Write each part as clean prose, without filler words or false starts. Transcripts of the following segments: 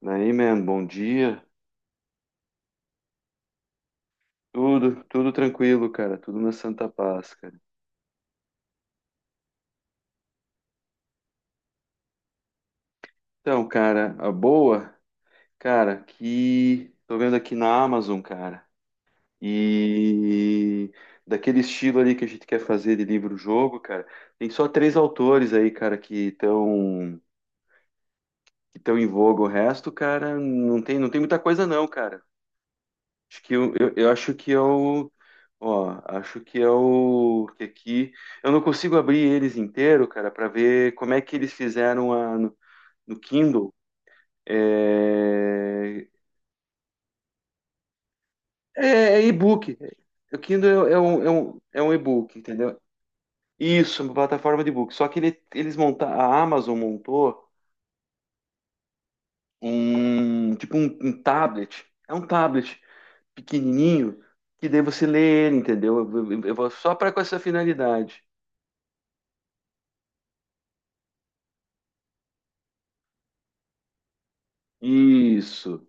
Daí, man, bom dia. Tudo, tudo tranquilo, cara. Tudo na santa paz, cara. Então, cara, a boa, cara, que tô vendo aqui na Amazon, cara. E daquele estilo ali que a gente quer fazer de livro-jogo, cara, tem só três autores aí, cara, que estão em voga. O resto, cara, não tem muita coisa não, cara. Acho que eu acho que é o. Ó, acho que é o. Que aqui. Eu não consigo abrir eles inteiro, cara, para ver como é que eles fizeram a, no, no Kindle. É, é, é e-book. O Kindle é um e-book, entendeu? Isso, uma plataforma de e-book. Só que eles montaram. A Amazon montou um. Tipo um tablet. É um tablet pequenininho. Que daí você lê ele, entendeu? Eu vou só para com essa finalidade. Isso.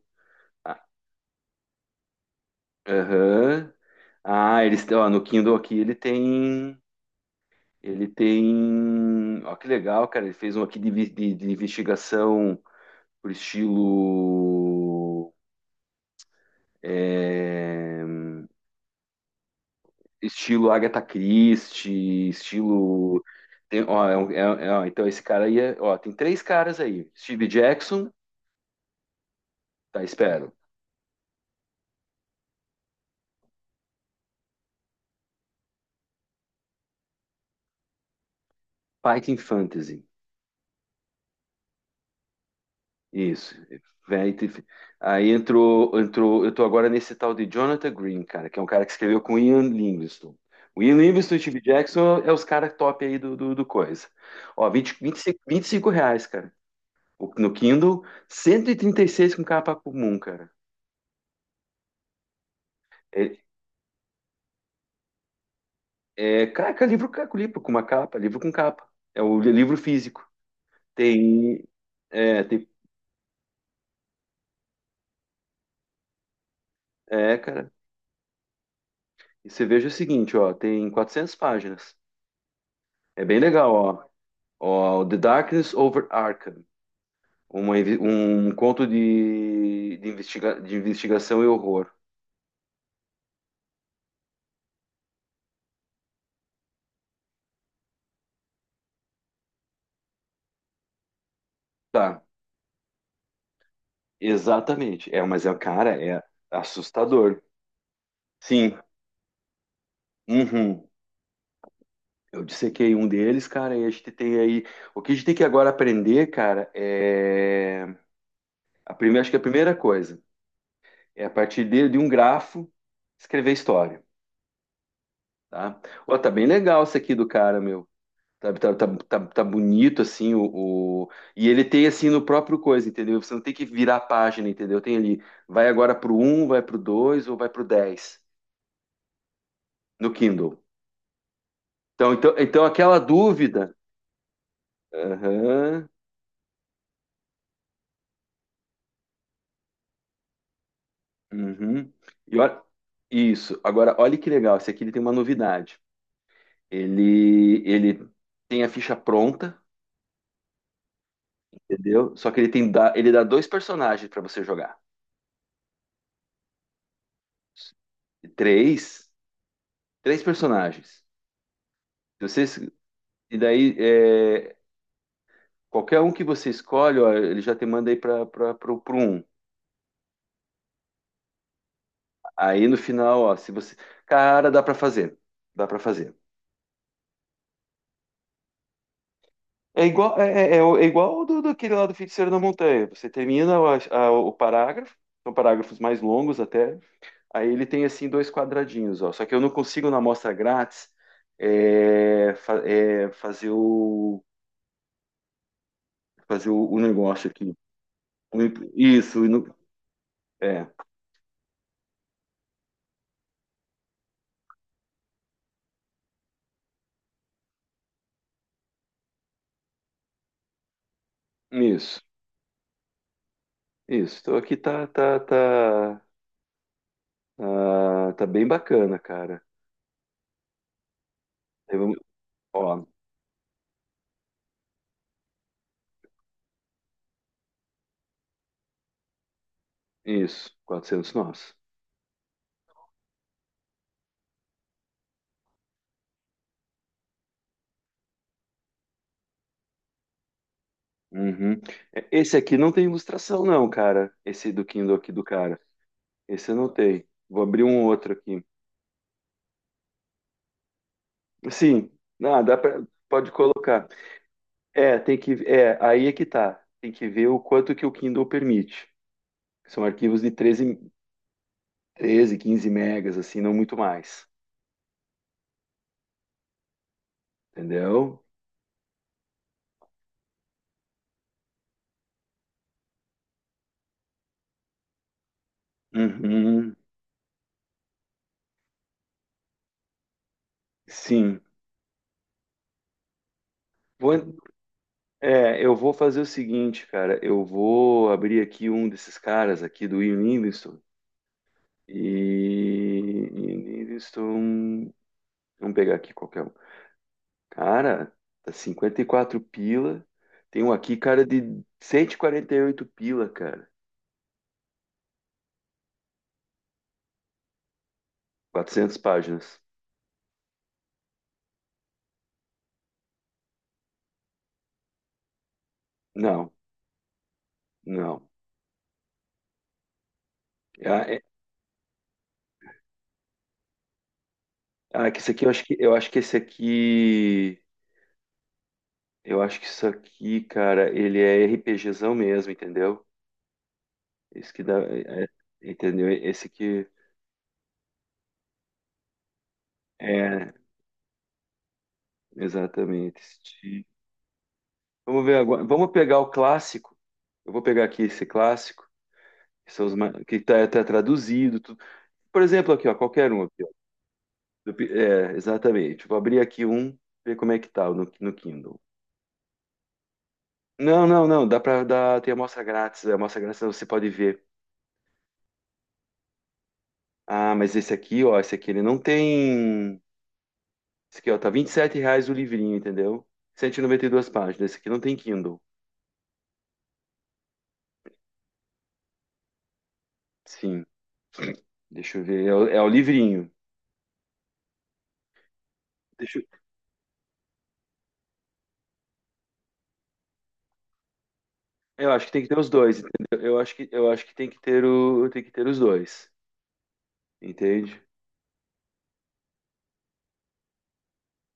Ah, aham. Ah, eles têm, ó, no Kindle aqui ele tem. Ele tem. Ó, que legal, cara. Ele fez um aqui de investigação por estilo. é, Estilo Agatha Christie, estilo. Tem- ó, é um- é- é, ó, então esse cara aí é, ó, tem três caras aí. Steve Jackson, tá, espero. Fighting Fantasy. Isso. Véi, te- Aí entrou. Eu tô agora nesse tal de Jonathan Green, cara, que é um cara que escreveu com Ian Livingstone. O Ian Livingstone e o Steve Jackson é os caras top aí do coisa. Ó, vinte e cinco reais, cara. No Kindle, cento e trinta e seis com capa comum, cara. É, caraca, livro com uma capa, livro com capa. É o livro físico. Tem. É, tem, é, cara. E você veja o seguinte, ó, tem 400 páginas. É bem legal, ó. Ó, The Darkness Over Arkham. Um conto de investigação e horror. Tá, exatamente. É, mas é, cara, é assustador. Sim, uhum. Eu dissequei um deles, cara, e a gente tem aí. O que a gente tem que agora aprender, cara, é. A primeira, acho que a primeira coisa é a partir de um grafo escrever história, tá? Ó, tá bem legal esse aqui do cara, meu. Tá, tá, tá, tá, tá bonito, assim, o- E ele tem, assim, no próprio coisa, entendeu? Você não tem que virar a página, entendeu? Tem ali, vai agora pro um vai pro dois ou vai pro dez no Kindle. Então aquela dúvida... Aham, uhum. E olha- Isso. Agora, olha que legal, esse aqui ele tem uma novidade. Ele tem a ficha pronta, entendeu? Só que ele dá dois personagens para você jogar. Três, três personagens. Se Vocês... E daí, qualquer um que você escolhe, ó, ele já te manda aí para pro um. Aí no final, ó, se você. Cara, dá para fazer. Dá para fazer. É igual, é igual ao daquele lá do Feiticeiro da Montanha. Você termina o parágrafo, são parágrafos mais longos até. Aí ele tem assim dois quadradinhos, ó. Só que eu não consigo na amostra grátis fazer o negócio aqui. Isso, é, isso, isso. Então aqui tá, tá, tá. Ah, tá bem bacana, cara. Aí vamos- ó, isso, 400 nós. Uhum. É, esse aqui não tem ilustração, não, cara. Esse do Kindle aqui do cara. Esse eu não tem. Vou abrir um outro aqui. Sim, não, dá pra, pode colocar. É, tem que, é, aí é que tá. Tem que ver o quanto que o Kindle permite. São arquivos de treze 15 megas, assim, não muito mais. Entendeu? Uhum. Sim. Vou, eu vou fazer o seguinte, cara. Eu vou abrir aqui um desses caras aqui do Ian Livingstone. E Ian Livingstone. Vamos pegar aqui qualquer um. Cara, tá 54 pila. Tem um aqui, cara, de cento e quarenta e oito pila, cara. Quatrocentas páginas. Não, não. Ah, é- ah, é que esse aqui eu acho que esse aqui. Eu acho que isso aqui, cara, ele é RPGzão mesmo, entendeu? Esse que dá. É- é- entendeu? Esse que é, exatamente. Esti- Vamos ver agora. Vamos pegar o clássico. Eu vou pegar aqui esse clássico, que são os ma- que tá traduzido, tudo. Por exemplo, aqui, ó, qualquer um aqui, ó. Do pi- é, exatamente. Vou abrir aqui um, ver como é que tá no Kindle. Não, não, não. Dá para dar. Tem amostra grátis. A amostra grátis você pode ver. Ah, mas esse aqui, ó, esse aqui ele não tem. Esse aqui, ó, tá R$ 27 o livrinho, entendeu? Cento e noventa e duas páginas. Esse aqui não tem Kindle. Sim. Deixa eu ver. É o livrinho. Eu acho que tem que ter os dois, entendeu? Eu acho que tem que ter os dois, entende?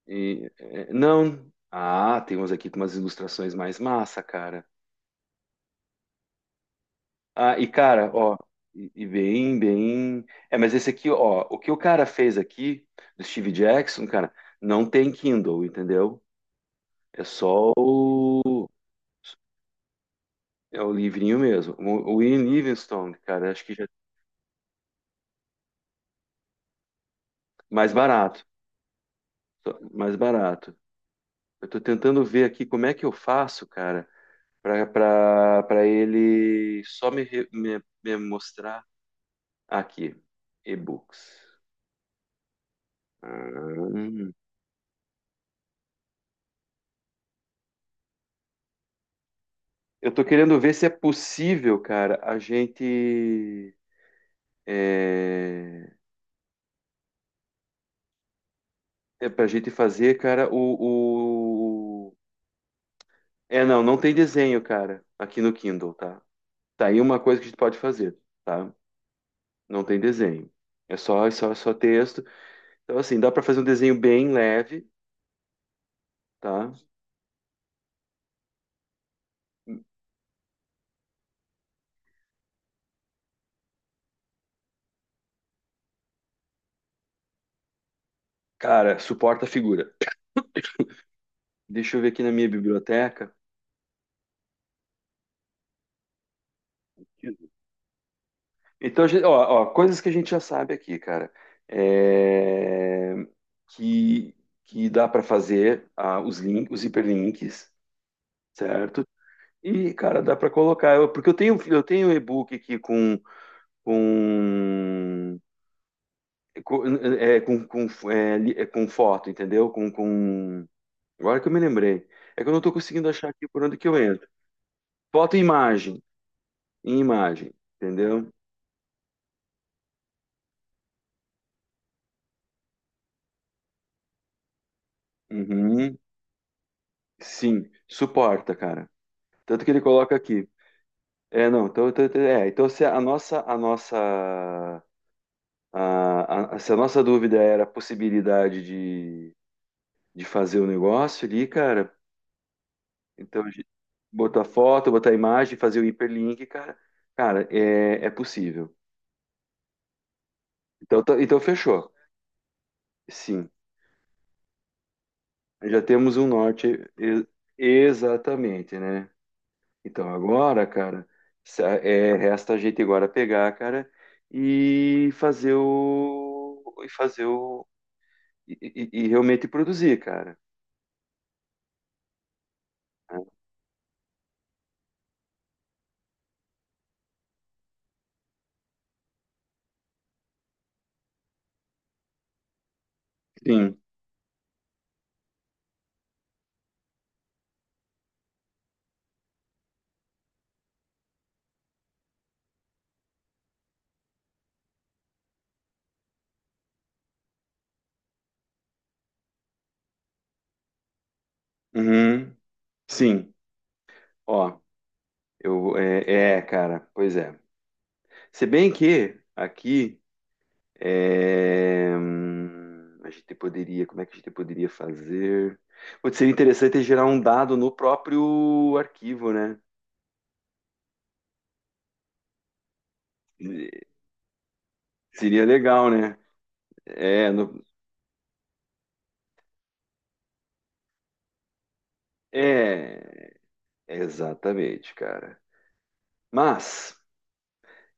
E, é, não. Ah, tem uns aqui com umas ilustrações mais massa, cara. Ah, e cara, ó, e bem, bem. É, mas esse aqui, ó, o que o cara fez aqui do Steve Jackson, cara, não tem Kindle, entendeu? É só o, é o livrinho mesmo. O Ian Livingstone, cara, acho que já mais barato, mais barato. Eu tô tentando ver aqui como é que eu faço, cara, para ele só me mostrar aqui, e-books. Ah, eu tô querendo ver se é possível, cara, a gente é, é pra gente fazer, cara, o- É, não, não tem desenho, cara, aqui no Kindle, tá? Tá aí uma coisa que a gente pode fazer, tá? Não tem desenho. É só texto. Então, assim, dá pra fazer um desenho bem leve, tá? Cara, suporta a figura. Deixa eu ver aqui na minha biblioteca. Então, a gente- ó, ó, coisas que a gente já sabe aqui, cara, é, que, que dá para fazer os hiperlinks, certo? E, cara, dá para colocar, eu- porque eu tenho um e-book aqui com, com, com foto, entendeu? Com... Agora que eu me lembrei. É que eu não estou conseguindo achar aqui por onde que eu entro. Foto e imagem, em imagem, entendeu? Uhum. Sim, suporta, cara. Tanto que ele coloca aqui. É, não, então se a nossa, se a nossa dúvida era a possibilidade de fazer o negócio ali, cara, então a gente botar foto, botar imagem, fazer o hiperlink, cara, cara, é possível. Então, tá- então fechou. Sim, já temos um norte, e- exatamente, né? Então agora, cara, resta a gente agora pegar, cara, e fazer o e realmente produzir, cara. Né? Sim. Uhum. Sim. Ó, eu cara, pois é. Se bem que aqui a gente poderia, como é que a gente poderia fazer? Pode ser interessante é gerar um dado no próprio arquivo, né? Seria legal, né? É, é, exatamente, cara. Mas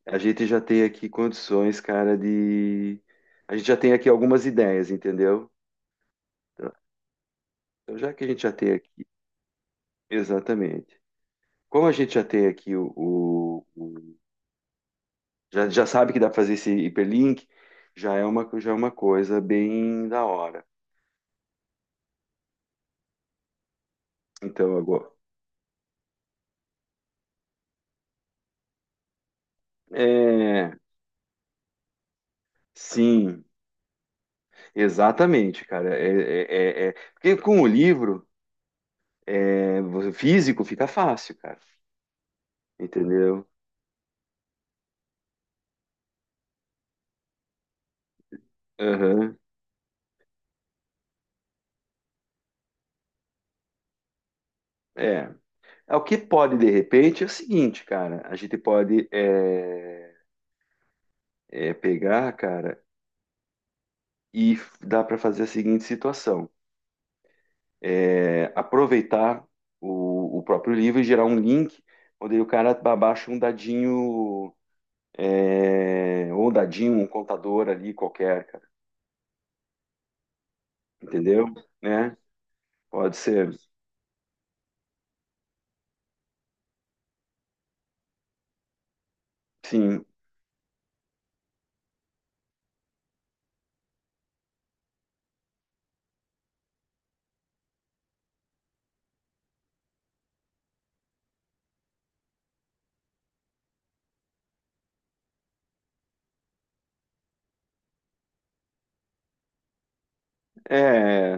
a gente já tem aqui condições, cara, de. A gente já tem aqui algumas ideias, entendeu? Então, então, já que a gente já tem aqui. Exatamente. Como a gente já tem aqui o- já sabe que dá para fazer esse hiperlink, já é uma coisa bem da hora. Então, agora. É. Sim, exatamente, cara. Porque com o livro é, físico fica fácil, cara. Entendeu? Aham. É. É, o que pode, de repente, é o seguinte, cara. A gente pode pegar, cara, e f- dá para fazer a seguinte situação. É, aproveitar o próprio livro e gerar um link onde o cara abaixa um dadinho, é, ou um dadinho, um contador ali qualquer, cara. Entendeu? Né? Pode ser. Sim. É,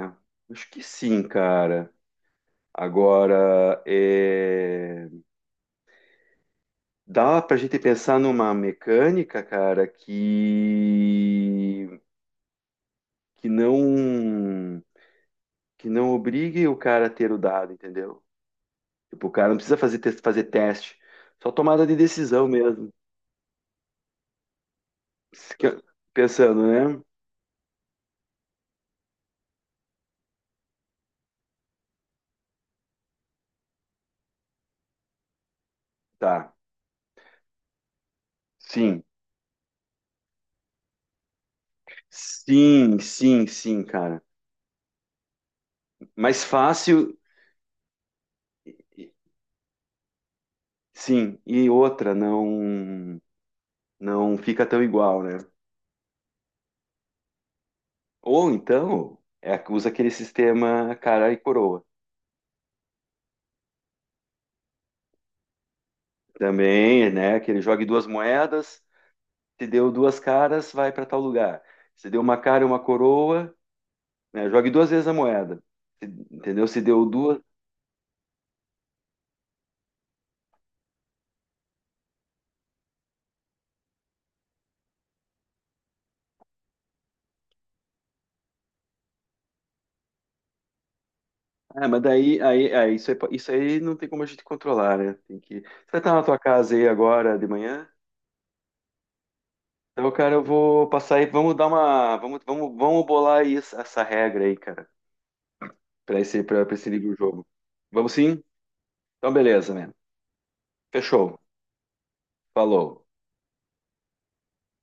acho que sim, cara. Agora, é... Dá pra gente pensar numa mecânica, cara, que não que não obrigue o cara a ter o dado, entendeu? Tipo, o cara não precisa fazer teste, só tomada de decisão mesmo. Que- Pensando, né? Tá. Sim. Sim, sim, sim, cara. Mais fácil, sim. E outra, não fica tão igual, né? Ou então, usa aquele sistema cara e coroa. Também, né? Que ele jogue duas moedas, se deu duas caras, vai para tal lugar. Se deu uma cara e uma coroa, né? Jogue duas vezes a moeda. Se- Entendeu? Se deu duas. Ah, mas daí aí, isso aí, isso aí não tem como a gente controlar, né? Tem que... Você vai estar na tua casa aí agora de manhã? Então, cara, eu vou passar aí. Vamos dar uma. Vamos, vamos, vamos bolar aí essa regra aí, cara. Para esse livro-jogo. Vamos sim? Então, beleza, mano. Fechou. Falou.